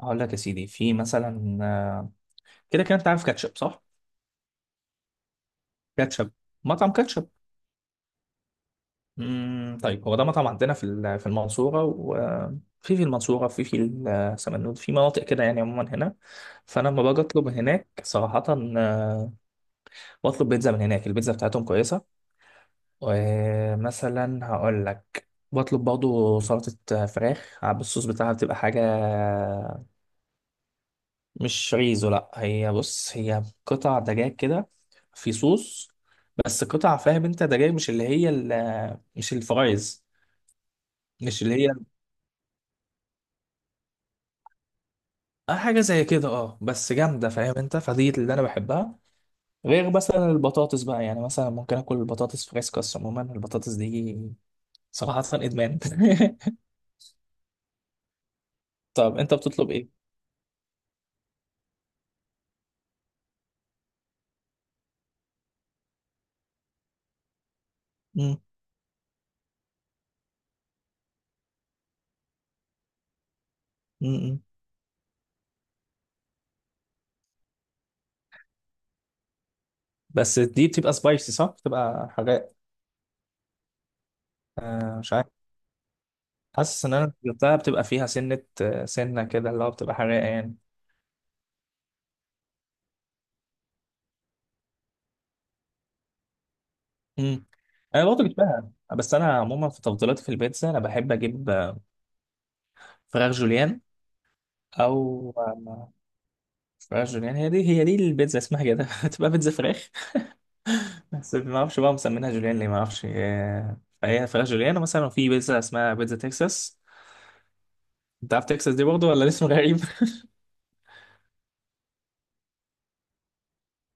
هقول لك يا سيدي، في مثلا كده كده انت عارف كاتشب صح؟ كاتشب. مطعم كاتشب. طيب، هو ده مطعم عندنا في في المنصورة، وفي في في المنصورة، في سمنود، في مناطق كده، يعني عموما هنا. فانا لما باجي اطلب هناك صراحة آه، بطلب بيتزا من هناك. البيتزا بتاعتهم كويسة. ومثلا هقول لك بطلب برضه سلطة فراخ بالصوص بتاعها، بتبقى حاجة. مش ريزو، لا، هي بص، هي قطع دجاج كده، في صوص. بس قطع، فاهم انت، ده جاي، مش اللي هي مش الفرايز. مش اللي هي. اه، حاجه زي كده، اه، بس جامده، فاهم انت، فدي اللي انا بحبها. غير مثلا البطاطس بقى، يعني مثلا ممكن اكل البطاطس فريسكاس. عموما البطاطس دي صراحه ادمان طب انت بتطلب ايه؟ مم. مم. بس دي بتبقى سبايسي صح؟ بتبقى حراق؟ مش عارف. حاسس ان انا جبتها بتبقى فيها سنه كده، اللي هو بتبقى حراق يعني. مم. انا برضه جبتها. بس انا عموما في تفضيلاتي في البيتزا، انا بحب اجيب فراخ جوليان. او فراخ جوليان. هي دي البيتزا اسمها كده تبقى بيتزا فراخ. بس ما اعرفش بقى مسمينها جوليان ليه، ما اعرفش فهي فراخ جوليان. ومثلا في بيتزا اسمها بيتزا تكساس. انت عارف تكساس دي برضه ولا الاسم غريب؟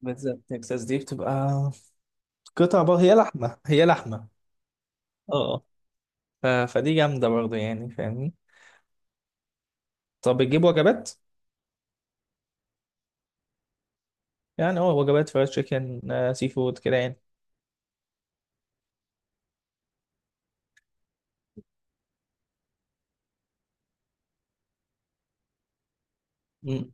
بيتزا تكساس دي بتبقى قطع بقى، هي لحمه، هي لحمه. اه. فدي جامده برضه يعني، فاهمني. طب بتجيب وجبات؟ يعني اه، وجبات فرايد تشيكن، سي فود كده. يعني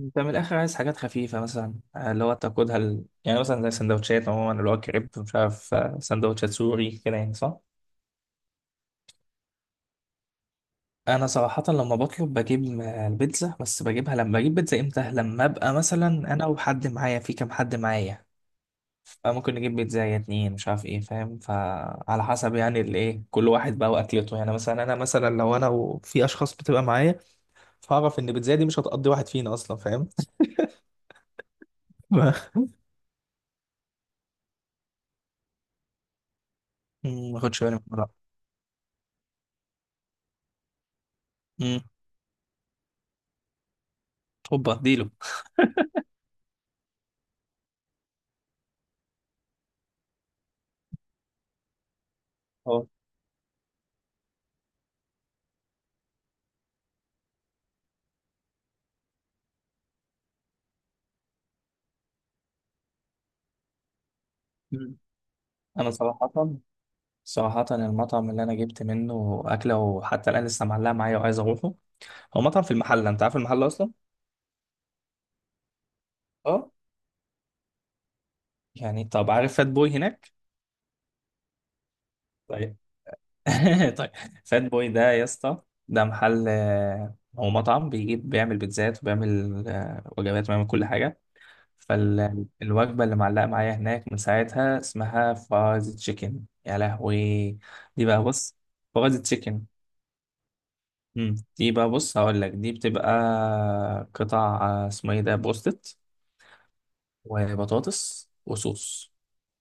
انت من الاخر عايز حاجات خفيفه، مثلا آه، اللي هو تاكلها ال... يعني مثلا زي سندوتشات، عموما اللي هو كريب، مش عارف سندوتشات سوري كده يعني، صح؟ انا صراحه لما بطلب بجيب البيتزا. بس بجيبها لما بجيب بيتزا امتى؟ لما ابقى مثلا انا وحد معايا، في كام حد معايا. فممكن نجيب بيتزا يا اتنين، مش عارف ايه، فاهم؟ فعلى حسب يعني الايه، كل واحد بقى واكلته، يعني مثلا انا، مثلا لو انا وفي اشخاص بتبقى معايا، فاعرف ان البيتزا دي مش هتقضي واحد فينا اصلا، فاهم؟ ما اخدش بالي من الموضوع. مم، هوبا اديله. مم. انا صراحة، صراحة المطعم اللي انا جبت منه اكلة وحتى الان لسه معلقة معايا، وعايز اروحه. هو مطعم في المحلة، انت عارف المحلة اصلا؟ اه. يعني طب عارف فات بوي هناك؟ طيب طيب. فات بوي ده يا اسطى، ده محل هو مطعم بيجيب، بيعمل بيتزات وبيعمل وجبات وبيعمل كل حاجة. فالوجبة اللي معلقة معايا هناك من ساعتها اسمها فرايز تشيكن، يا لهوي! دي بقى بص، فرايز تشيكن. مم. دي بقى بص هقول لك، دي بتبقى قطع اسمه ايه ده، بروستت، وبطاطس وصوص.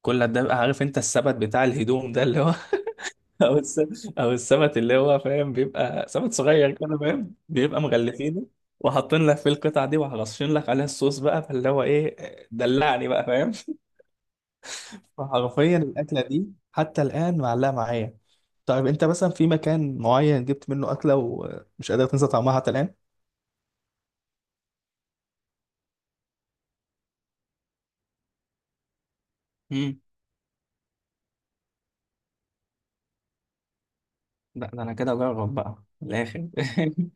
كل ده بقى، عارف انت السبت بتاع الهدوم ده اللي هو او الس... او السبت اللي هو، فاهم؟ بيبقى سبت صغير كده، فاهم؟ بيبقى مغلفينه، وحاطين لك فيه القطع دي، وهرشين لك عليها الصوص بقى، فاللي هو ايه، دلعني بقى، فاهم؟ فحرفيا الاكله دي حتى الان معلقه معايا. طيب انت مثلا في مكان معين جبت منه اكله ومش قادر تنسى طعمها حتى الان؟ لا ده انا كده اجرب بقى من الاخر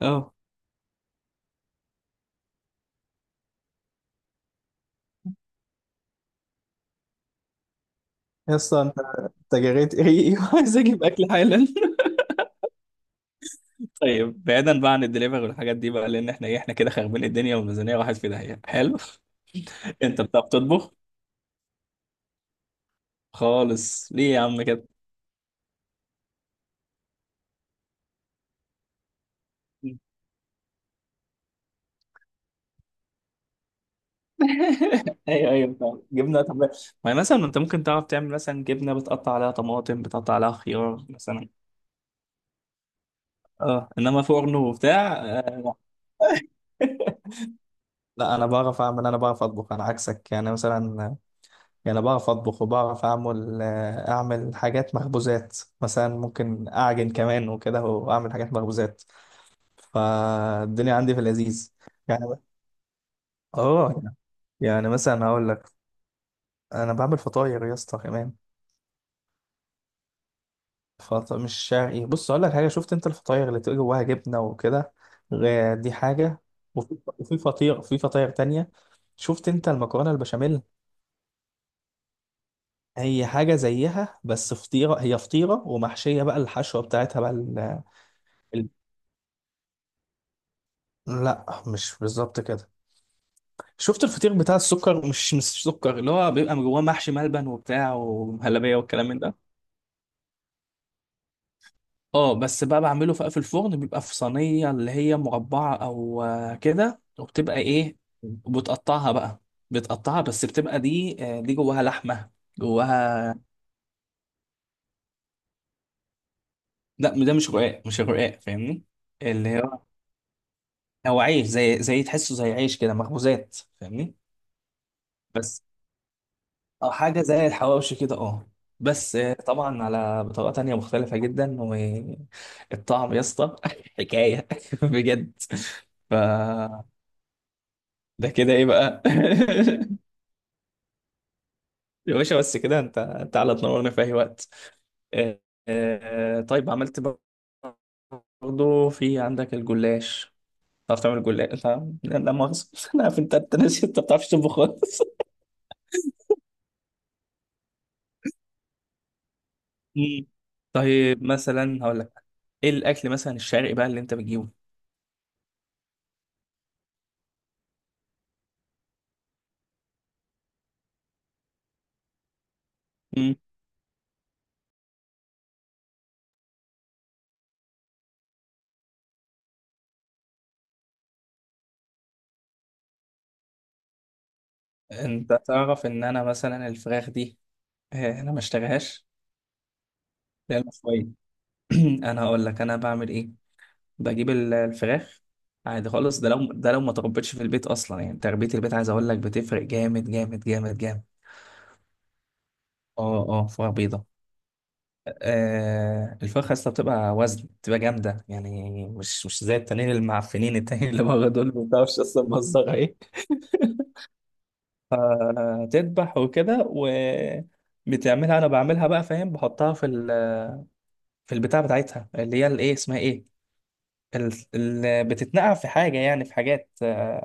اه. يا اسطى انت! أنت جريت ريقي وعايز اجيب اكل حالا. طيب بعيدا بقى عن الدليفري والحاجات دي بقى، لان احنا ايه، احنا كده خاربين الدنيا، والميزانيه راحت في داهيه. حلو انت بتعرف تطبخ؟ خالص! ليه يا عم كده؟ ايوه ايوه فاهم. جبنه طب. ما مثلا انت ممكن تعرف تعمل مثلا جبنه، بتقطع عليها طماطم، بتقطع عليها خيار مثلا. اه انما فرن وبتاع لا لا، انا بعرف اعمل، انا بعرف اطبخ، انا عكسك يعني. مثلا يعني بعرف أطبخ وبعرف أعمل أعمل حاجات مخبوزات، مثلا ممكن أعجن كمان وكده، وأعمل حاجات مخبوزات. فالدنيا عندي في اللذيذ يعني. آه. يعني مثلا هقول لك: أنا بعمل فطاير يا اسطى كمان. مش شرقي. بص هقول لك حاجة: شفت أنت الفطاير اللي تبقى جواها جبنة وكده؟ دي حاجة. وفي فطير، في فطاير تانية. شفت أنت المكرونة البشاميل؟ هي حاجة زيها بس فطيرة، هي فطيرة ومحشية بقى، الحشوة بتاعتها بقى. لا، مش بالظبط كده. شفت الفطير بتاع السكر؟ مش سكر، اللي هو بيبقى جواه محشي ملبن وبتاع ومهلبية والكلام من ده. اه بس بقى بعمله في الفرن، بيبقى في صينية اللي هي مربعة او كده، وبتبقى ايه، وبتقطعها بقى، بتقطعها، بس بتبقى دي جواها لحمة، جواها. لا ده مش رقاق، مش رقاق، فاهمني؟ اللي هو، هو عيش، زي تحسه، زي عيش كده، مخبوزات، فاهمني؟ بس. او حاجه زي الحواوشي كده، اه. بس طبعا على بطريقه تانية مختلفه جدا. والطعم يا اسطى حكايه بجد. ف ده كده ايه بقى؟ يا باشا بس كده، انت على تنورنا في اي وقت. آه، طيب، عملت برضه في عندك الجلاش؟ تعرف تعمل جلاش انت؟ لا لا مؤاخذه انا عارف انت ناسي، انت ما بتعرفش تطبخ خالص. مم. طيب مثلا هقول لك: ايه الاكل مثلا الشرقي بقى اللي انت بتجيبه؟ انت تعرف ان انا مثلا الفراخ دي انا ما اشتريهاش. لا، المشوية. انا هقول لك انا بعمل ايه. بجيب الفراخ عادي خالص. ده لو ما تربيتش في البيت اصلا، يعني تربية البيت عايز اقول لك بتفرق جامد جامد جامد جامد. اه اه فراخ بيضة. الفراخ اصلا بتبقى وزن، بتبقى جامدة يعني، مش زي التانيين المعفنين، التانيين اللي بره دول ما بتعرفش اصلا مصدرها ايه. فتذبح وكده، بتعملها، انا بعملها بقى فاهم، بحطها في ال في البتاع بتاعتها، اللي هي الايه، اسمها ايه، بتتنقع في حاجه، يعني في حاجات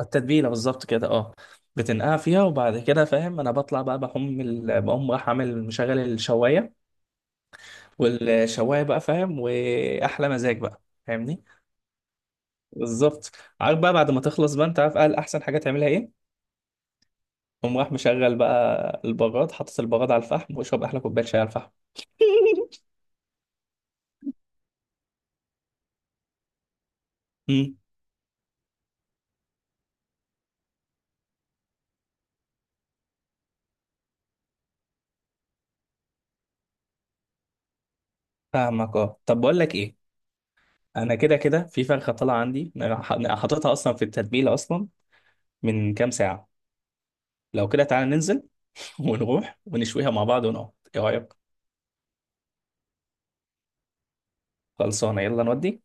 التتبيله بالظبط كده، اه. بتنقع فيها، وبعد كده فاهم، انا بطلع بقى، بقوم راح عامل مشغل الشوايه، والشوايه بقى فاهم، واحلى مزاج بقى، فاهمني؟ بالظبط. عارف بقى بعد ما تخلص بقى، انت عارف قال احسن حاجه تعملها ايه؟ قوم راح مشغل بقى البراد، حاطط البراد على الفحم، واشرب احلى كوبايه شاي على الفحم مم. فاهمك اه. طب بقول لك ايه: انا كده كده في فرخه طالعه عندي، أنا حاططها اصلا في التتبيله اصلا من كام ساعه. لو كده تعالى ننزل ونروح ونشويها مع بعض ونقعد، ايه رايك؟ خلصانه يلا نودي.